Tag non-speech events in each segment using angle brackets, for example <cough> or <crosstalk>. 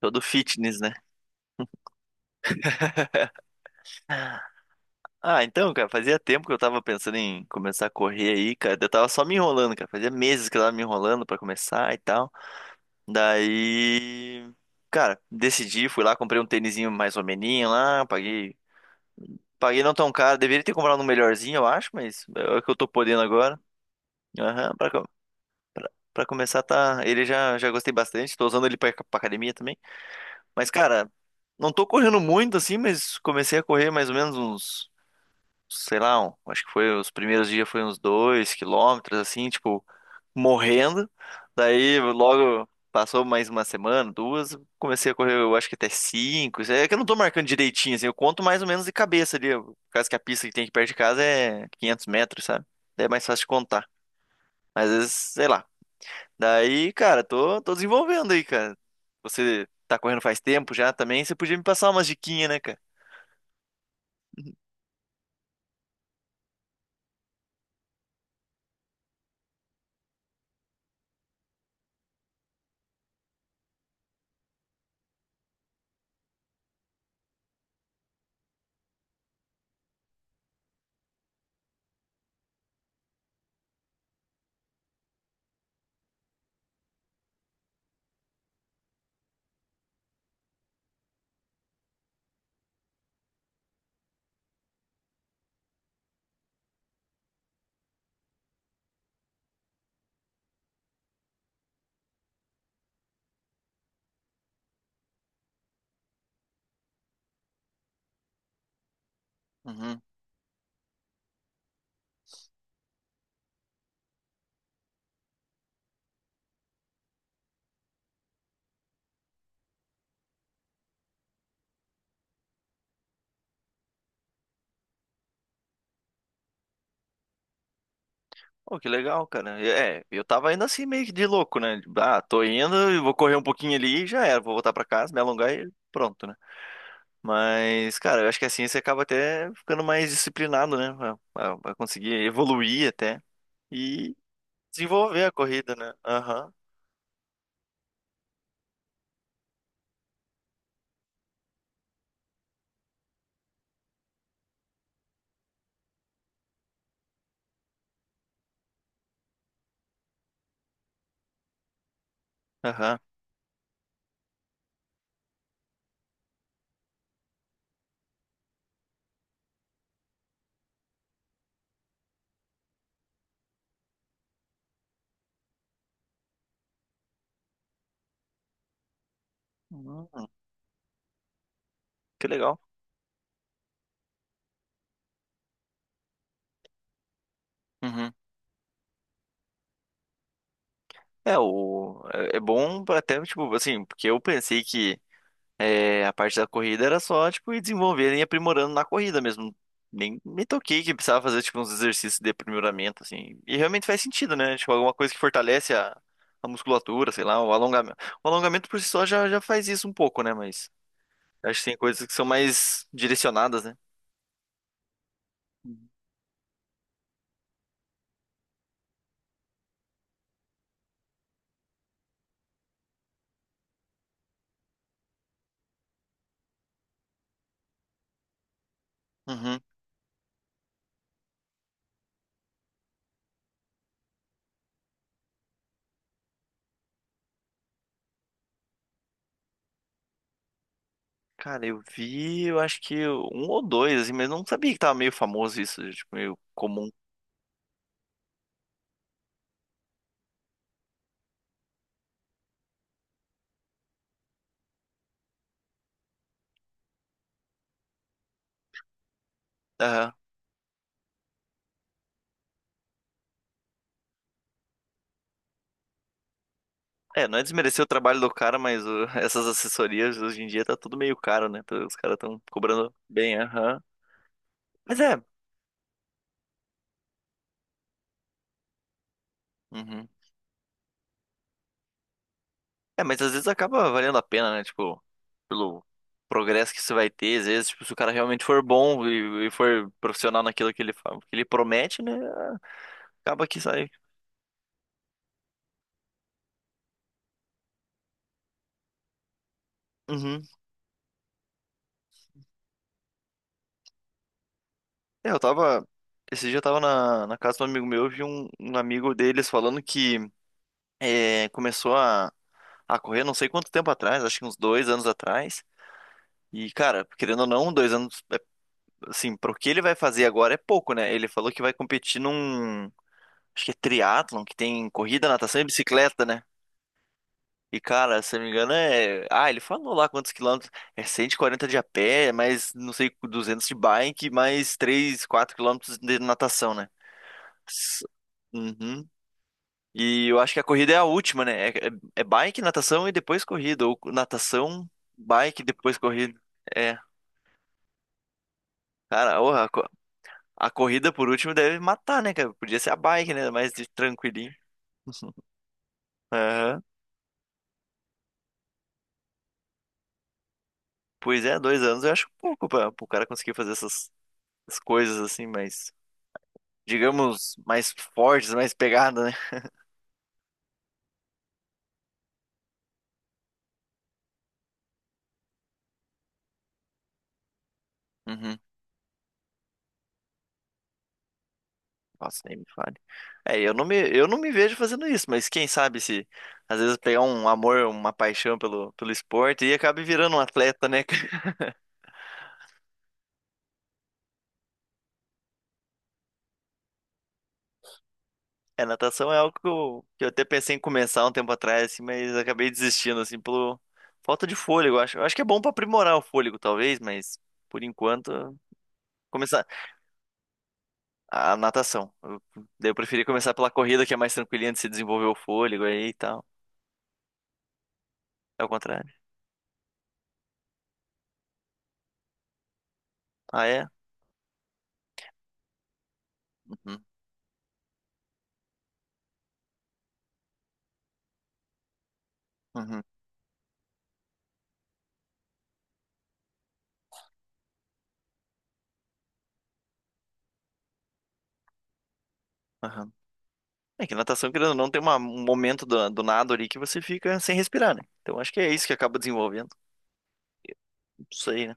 Todo fitness, né? Ah, então, cara, fazia tempo que eu tava pensando em começar a correr aí, cara. Eu tava só me enrolando, cara. Fazia meses que eu tava me enrolando pra começar e tal. Daí, cara, decidi, fui lá, comprei um tênisinho mais ou meninho lá, paguei. Paguei não tão caro. Deveria ter comprado um melhorzinho, eu acho, mas é o que eu tô podendo agora. Aham, pra começar, tá. Ele já gostei bastante. Tô usando ele pra academia também. Mas, cara, não tô correndo muito assim, mas comecei a correr mais ou menos uns. Sei lá, acho que foi os primeiros dias foi uns 2 quilômetros, assim, tipo, morrendo. Daí logo passou mais uma semana, duas, comecei a correr, eu acho que até cinco. Isso é que eu não tô marcando direitinho, assim, eu conto mais ou menos de cabeça ali. Por causa que a pista que tem aqui perto de casa é 500 metros, sabe? Daí é mais fácil de contar. Mas às vezes, sei lá. Daí, cara, tô desenvolvendo aí, cara. Você tá correndo faz tempo já também, você podia me passar umas diquinhas, né, cara? Uhum. Pô, que legal, cara. É, eu tava indo assim meio que de louco, né? Tipo, ah, tô indo, eu vou correr um pouquinho ali e já era, vou voltar pra casa, me alongar e pronto, né? Mas, cara, eu acho que assim você acaba até ficando mais disciplinado, né? Pra conseguir evoluir até e desenvolver a corrida, né? Aham, aham. Hum, que legal. Uhum. É, é bom pra até, tipo, assim, porque eu pensei que é, a parte da corrida era só, tipo, ir desenvolvendo e aprimorando na corrida mesmo. Nem me toquei que precisava fazer, tipo, uns exercícios de aprimoramento, assim. E realmente faz sentido, né? Tipo, alguma coisa que fortalece a musculatura, sei lá, o alongamento. O alongamento por si só já faz isso um pouco, né? Mas acho que tem coisas que são mais direcionadas, né? Uhum. Uhum. Cara, eu vi, eu acho que um ou dois, assim, mas não sabia que tava meio famoso isso, tipo, meio comum. É, não é desmerecer o trabalho do cara, mas <laughs> essas assessorias hoje em dia tá tudo meio caro, né? Então, os caras estão cobrando bem, aham. Mas é. Uhum. É, mas às vezes acaba valendo a pena, né? Tipo, pelo progresso que você vai ter, às vezes, tipo, se o cara realmente for bom e for profissional naquilo que ele, que ele promete, né? Acaba que sai. Uhum. É, eu tava. Esse dia eu tava na casa de um amigo meu, eu vi um amigo deles falando que começou a correr não sei quanto tempo atrás, acho que uns 2 anos atrás. E, cara, querendo ou não, 2 anos, assim, pro que ele vai fazer agora é pouco, né? Ele falou que vai competir num, acho que é triatlon, que tem corrida, natação e bicicleta, né? E, cara, se eu não me engano, ah, ele falou lá quantos quilômetros. É 140 de a pé, mais, não sei, 200 de bike, mais 3 4 quilômetros de natação, né? S- Uhum. E eu acho que a corrida é a última, né? É, é bike, natação e depois corrida. Ou natação, bike, depois corrida. É. Cara, orra, a corrida, por último, deve matar, né, cara? Podia ser a bike, né? Mais de tranquilinho. <laughs> Aham. Pois é, 2 anos eu acho pouco pra o cara conseguir fazer essas, coisas assim, mais, digamos, mais fortes, mais pegada, né? Uhum. Nossa, nem me fale. É, eu não me vejo fazendo isso, mas quem sabe se às vezes pegar um amor, uma paixão pelo esporte e acabe virando um atleta, né? É, natação é algo que eu até pensei em começar um tempo atrás, assim, mas acabei desistindo, assim, pelo falta de fôlego, eu acho. Eu acho que é bom pra aprimorar o fôlego, talvez, mas por enquanto, começar a natação. Daí eu preferi começar pela corrida, que é mais tranquilinha de se desenvolver o fôlego aí e tal. É o contrário. Ah, é? Uhum, uhum, aham. É que natação, querendo ou não, tem um momento do nado ali que você fica sem respirar, né? Então acho que é isso que acaba desenvolvendo. Não sei, né?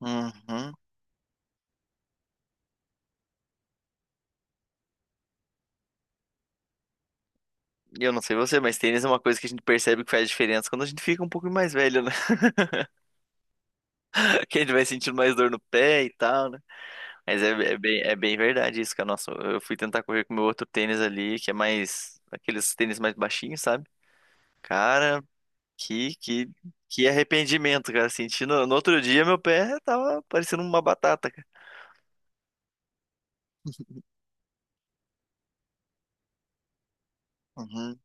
Uhum. Eu não sei você, mas tênis é uma coisa que a gente percebe que faz diferença quando a gente fica um pouco mais velho, né? <laughs> Que a gente vai sentindo mais dor no pé e tal, né? Mas é bem verdade isso, cara. Nossa, eu fui tentar correr com o meu outro tênis ali, que é mais... Aqueles tênis mais baixinhos, sabe? Cara, que, que, que arrependimento, cara. Senti no outro dia meu pé tava parecendo uma batata, cara. Uhum,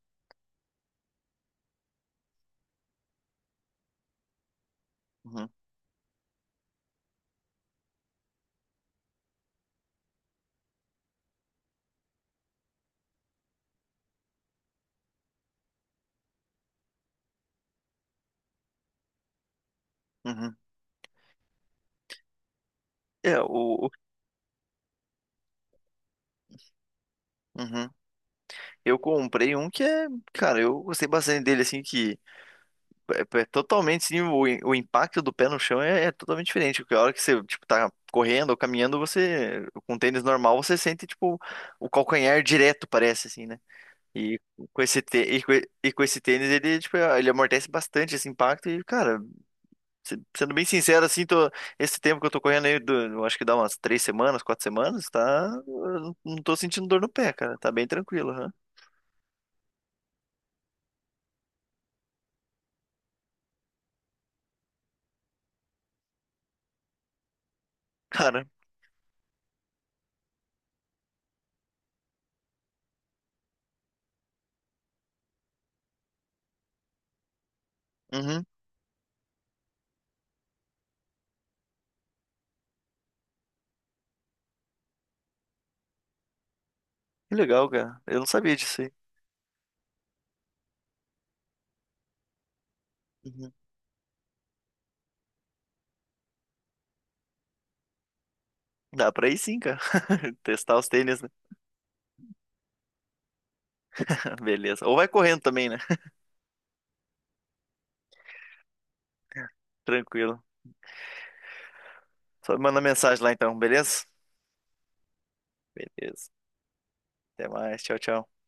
uhum, uhum. É, uhum. Eu comprei um que é... Cara, eu gostei bastante dele, assim, que... É totalmente sim, o impacto do pé no chão é totalmente diferente. Porque a hora que você, tipo, tá correndo ou caminhando, você, com um tênis normal, você sente, tipo, o calcanhar direto, parece, assim, né? E com esse, tê- e com esse tênis, ele, tipo, ele amortece bastante esse impacto. E, cara, sendo bem sincero, assim, esse tempo que eu tô correndo aí, eu acho que dá umas 3 semanas, 4 semanas, tá? Eu não tô sentindo dor no pé, cara. Tá bem tranquilo, né? Cara, uhum, que legal, cara. Eu não sabia disso aí. Uhum. Dá pra ir sim, cara. <laughs> Testar os tênis, né? <laughs> Beleza. Ou vai correndo também, né? Tranquilo. Só me manda mensagem lá então, beleza? Beleza. Até mais. Tchau, tchau.